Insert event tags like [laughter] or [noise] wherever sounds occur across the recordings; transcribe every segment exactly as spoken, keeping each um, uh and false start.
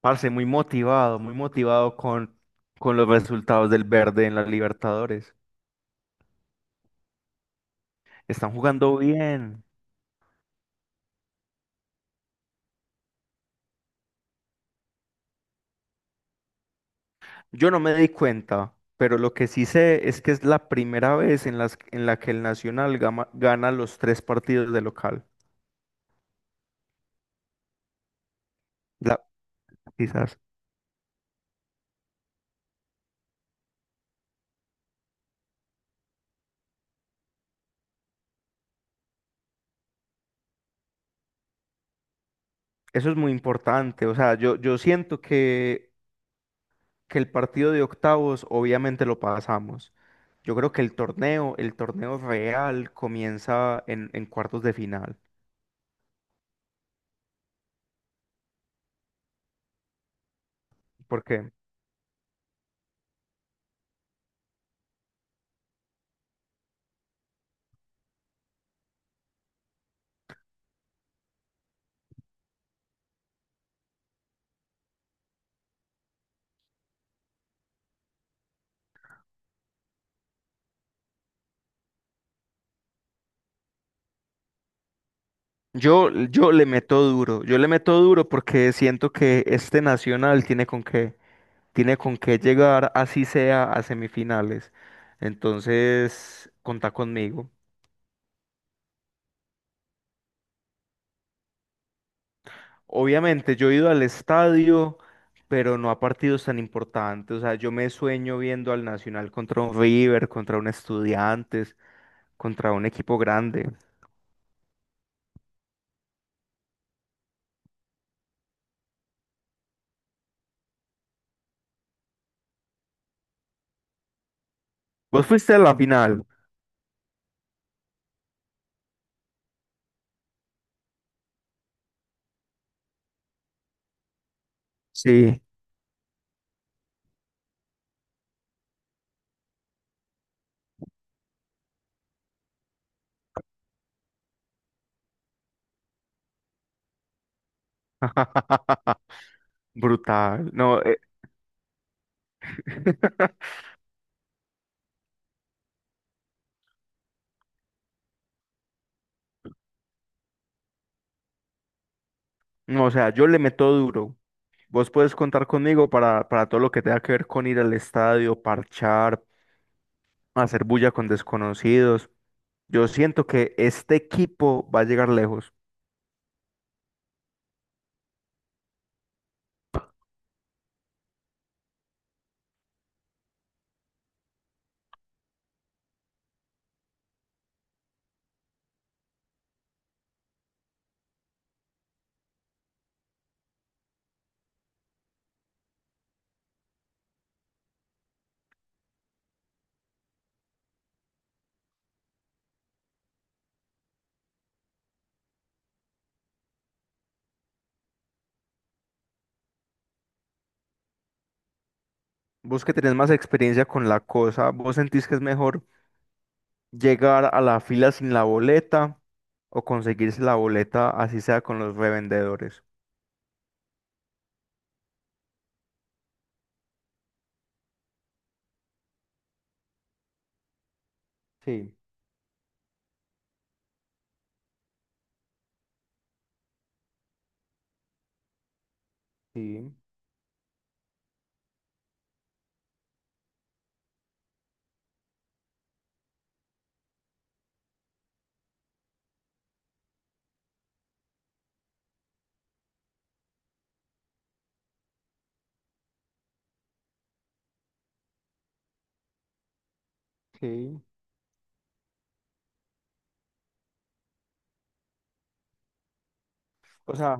Parce, muy motivado, muy motivado con, con los resultados del verde en las Libertadores. Están jugando bien. Yo no me di cuenta, pero lo que sí sé es que es la primera vez en las, en la que el Nacional gama- gana los tres partidos de local. La- Quizás. Eso es muy importante. O sea, yo, yo siento que, que el partido de octavos obviamente lo pasamos. Yo creo que el torneo, el torneo real comienza en, en cuartos de final. ¿Por qué? Yo, yo le meto duro, yo le meto duro porque siento que este Nacional tiene con qué, tiene con qué llegar, así sea, a semifinales. Entonces, contá conmigo. Obviamente, yo he ido al estadio, pero no a partidos tan importantes. O sea, yo me sueño viendo al Nacional contra un River, contra un Estudiantes, contra un equipo grande. ¿Vos fuiste a la final? Sí. [laughs] Brutal. No, eh, [laughs] No, o sea, yo le meto duro. Vos puedes contar conmigo para, para todo lo que tenga que ver con ir al estadio, parchar, hacer bulla con desconocidos. Yo siento que este equipo va a llegar lejos. Vos que tenés más experiencia con la cosa, ¿vos sentís que es mejor llegar a la fila sin la boleta o conseguirse la boleta así sea con los revendedores? Sí, sí, sí. O sea,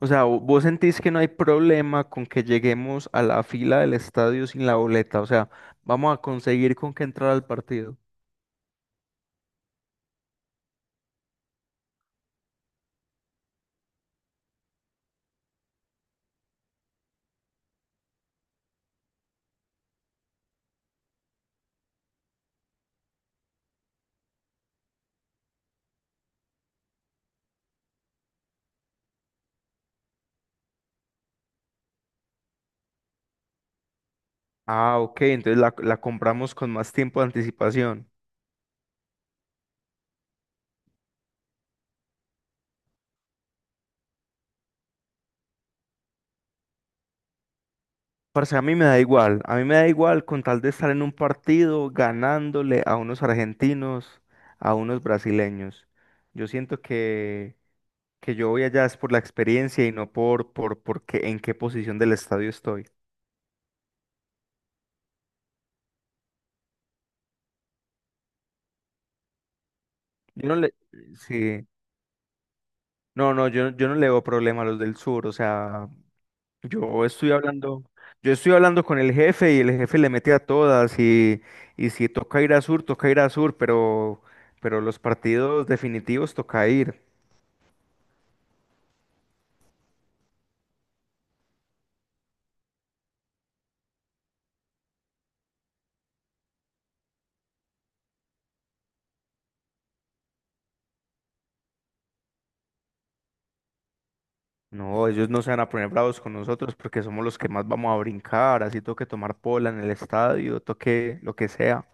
O sea, vo- vos sentís que no hay problema con que lleguemos a la fila del estadio sin la boleta. O sea, vamos a conseguir con que entrar al partido. Ah, ok, entonces la, la compramos con más tiempo de anticipación. Parce, a mí me da igual. A mí me da igual con tal de estar en un partido ganándole a unos argentinos, a unos brasileños. Yo siento que, que yo voy allá es por la experiencia y no por, por, por qué- en qué posición del estadio estoy. Yo no le... Sí. No, no, yo, yo no le veo problema a los del sur, o sea, yo estoy hablando, yo estoy hablando con el jefe y el jefe le mete a todas y, y si toca ir a sur, toca ir a sur, pero, pero los partidos definitivos toca ir. No, ellos no se van a poner bravos con nosotros porque somos los que más vamos a brincar, así toque tomar pola en el estadio, toque lo que sea.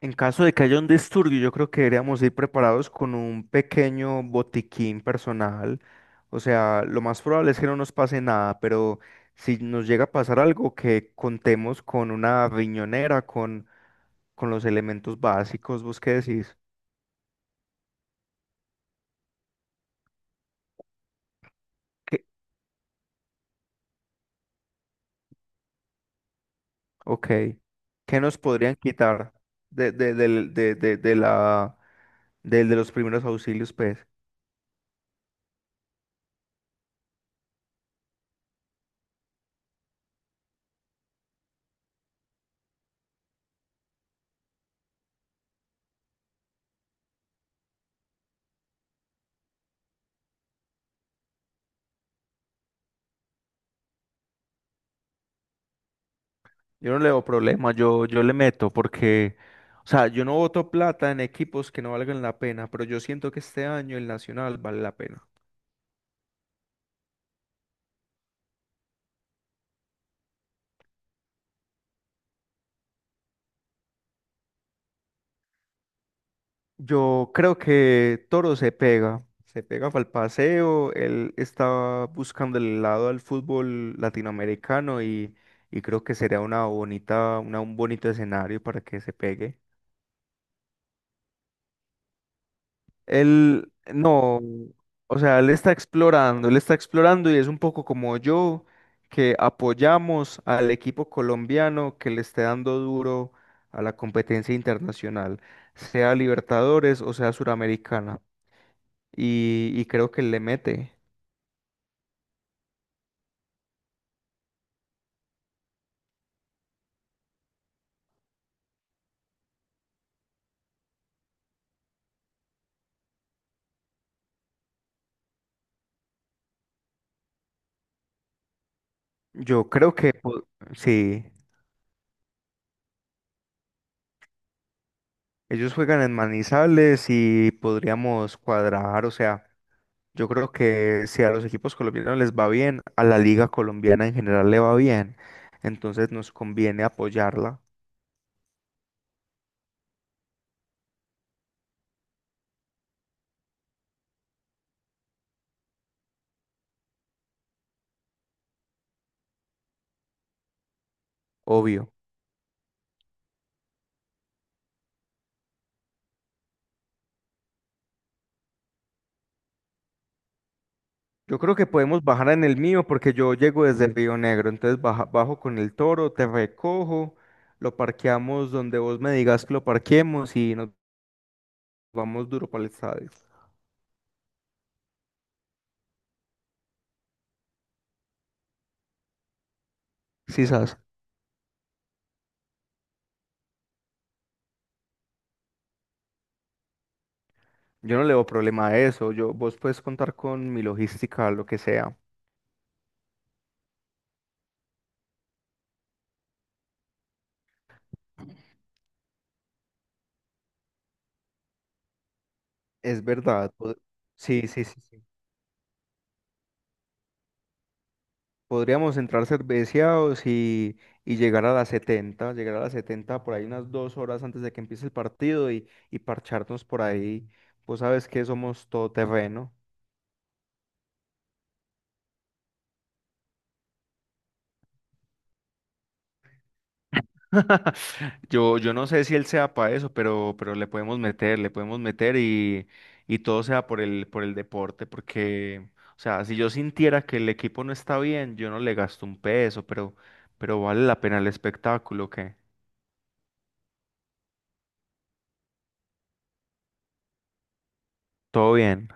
En caso de que haya un disturbio, yo creo que deberíamos ir preparados con un pequeño botiquín personal. O sea, lo más probable es que no nos pase nada, pero si nos llega a pasar algo, que contemos con una riñonera, con, con los elementos básicos. ¿Vos qué decís? ¿Qué- Ok. ¿Qué nos podrían quitar de, de, del- de- de- de la, del- de los primeros auxilios, pues? Yo no le veo problema, yo, yo le meto porque, o sea, yo no voto plata en equipos que no valgan la pena, pero yo siento que este año el Nacional vale la pena. Yo creo que Toro se pega, se pega para el paseo, él está buscando el lado al fútbol latinoamericano y, y creo que sería una bonita, una, un bonito escenario para que se pegue. Él, no, o sea, él está explorando, él está explorando y es un poco como yo, que apoyamos al equipo colombiano que le esté dando duro a la competencia internacional, sea Libertadores o sea Suramericana. Y, y creo que le mete. Yo creo que po- sí, ellos juegan en Manizales y podríamos cuadrar, o sea. Yo creo que si a los equipos colombianos les va bien, a la liga colombiana en general le va bien. Entonces nos conviene apoyarla, obvio. Yo creo que podemos bajar en el mío porque yo llego desde Río Negro. Entonces baja- bajo con el toro, te recojo, lo parqueamos donde vos me digas que lo parqueemos y nos vamos duro para el estadio. Sí, sabes. Yo no le veo problema a eso. Yo, vos puedes contar con mi logística, lo que sea. Es verdad. vos- Sí, sí, sí, sí. Podríamos entrar cerveceados y, y llegar a las setenta, llegar a las setenta por ahí unas dos horas antes de que empiece el partido y, y parcharnos por ahí. Vos sabes que somos todoterreno. [laughs] Yo, yo no sé si él sea para eso, pero, pero le podemos meter, le podemos meter y, y todo sea por el, por el deporte, porque, o sea, si yo sintiera que el equipo no está bien, yo no le gasto un peso, pero, pero vale la pena el espectáculo, que todo bien.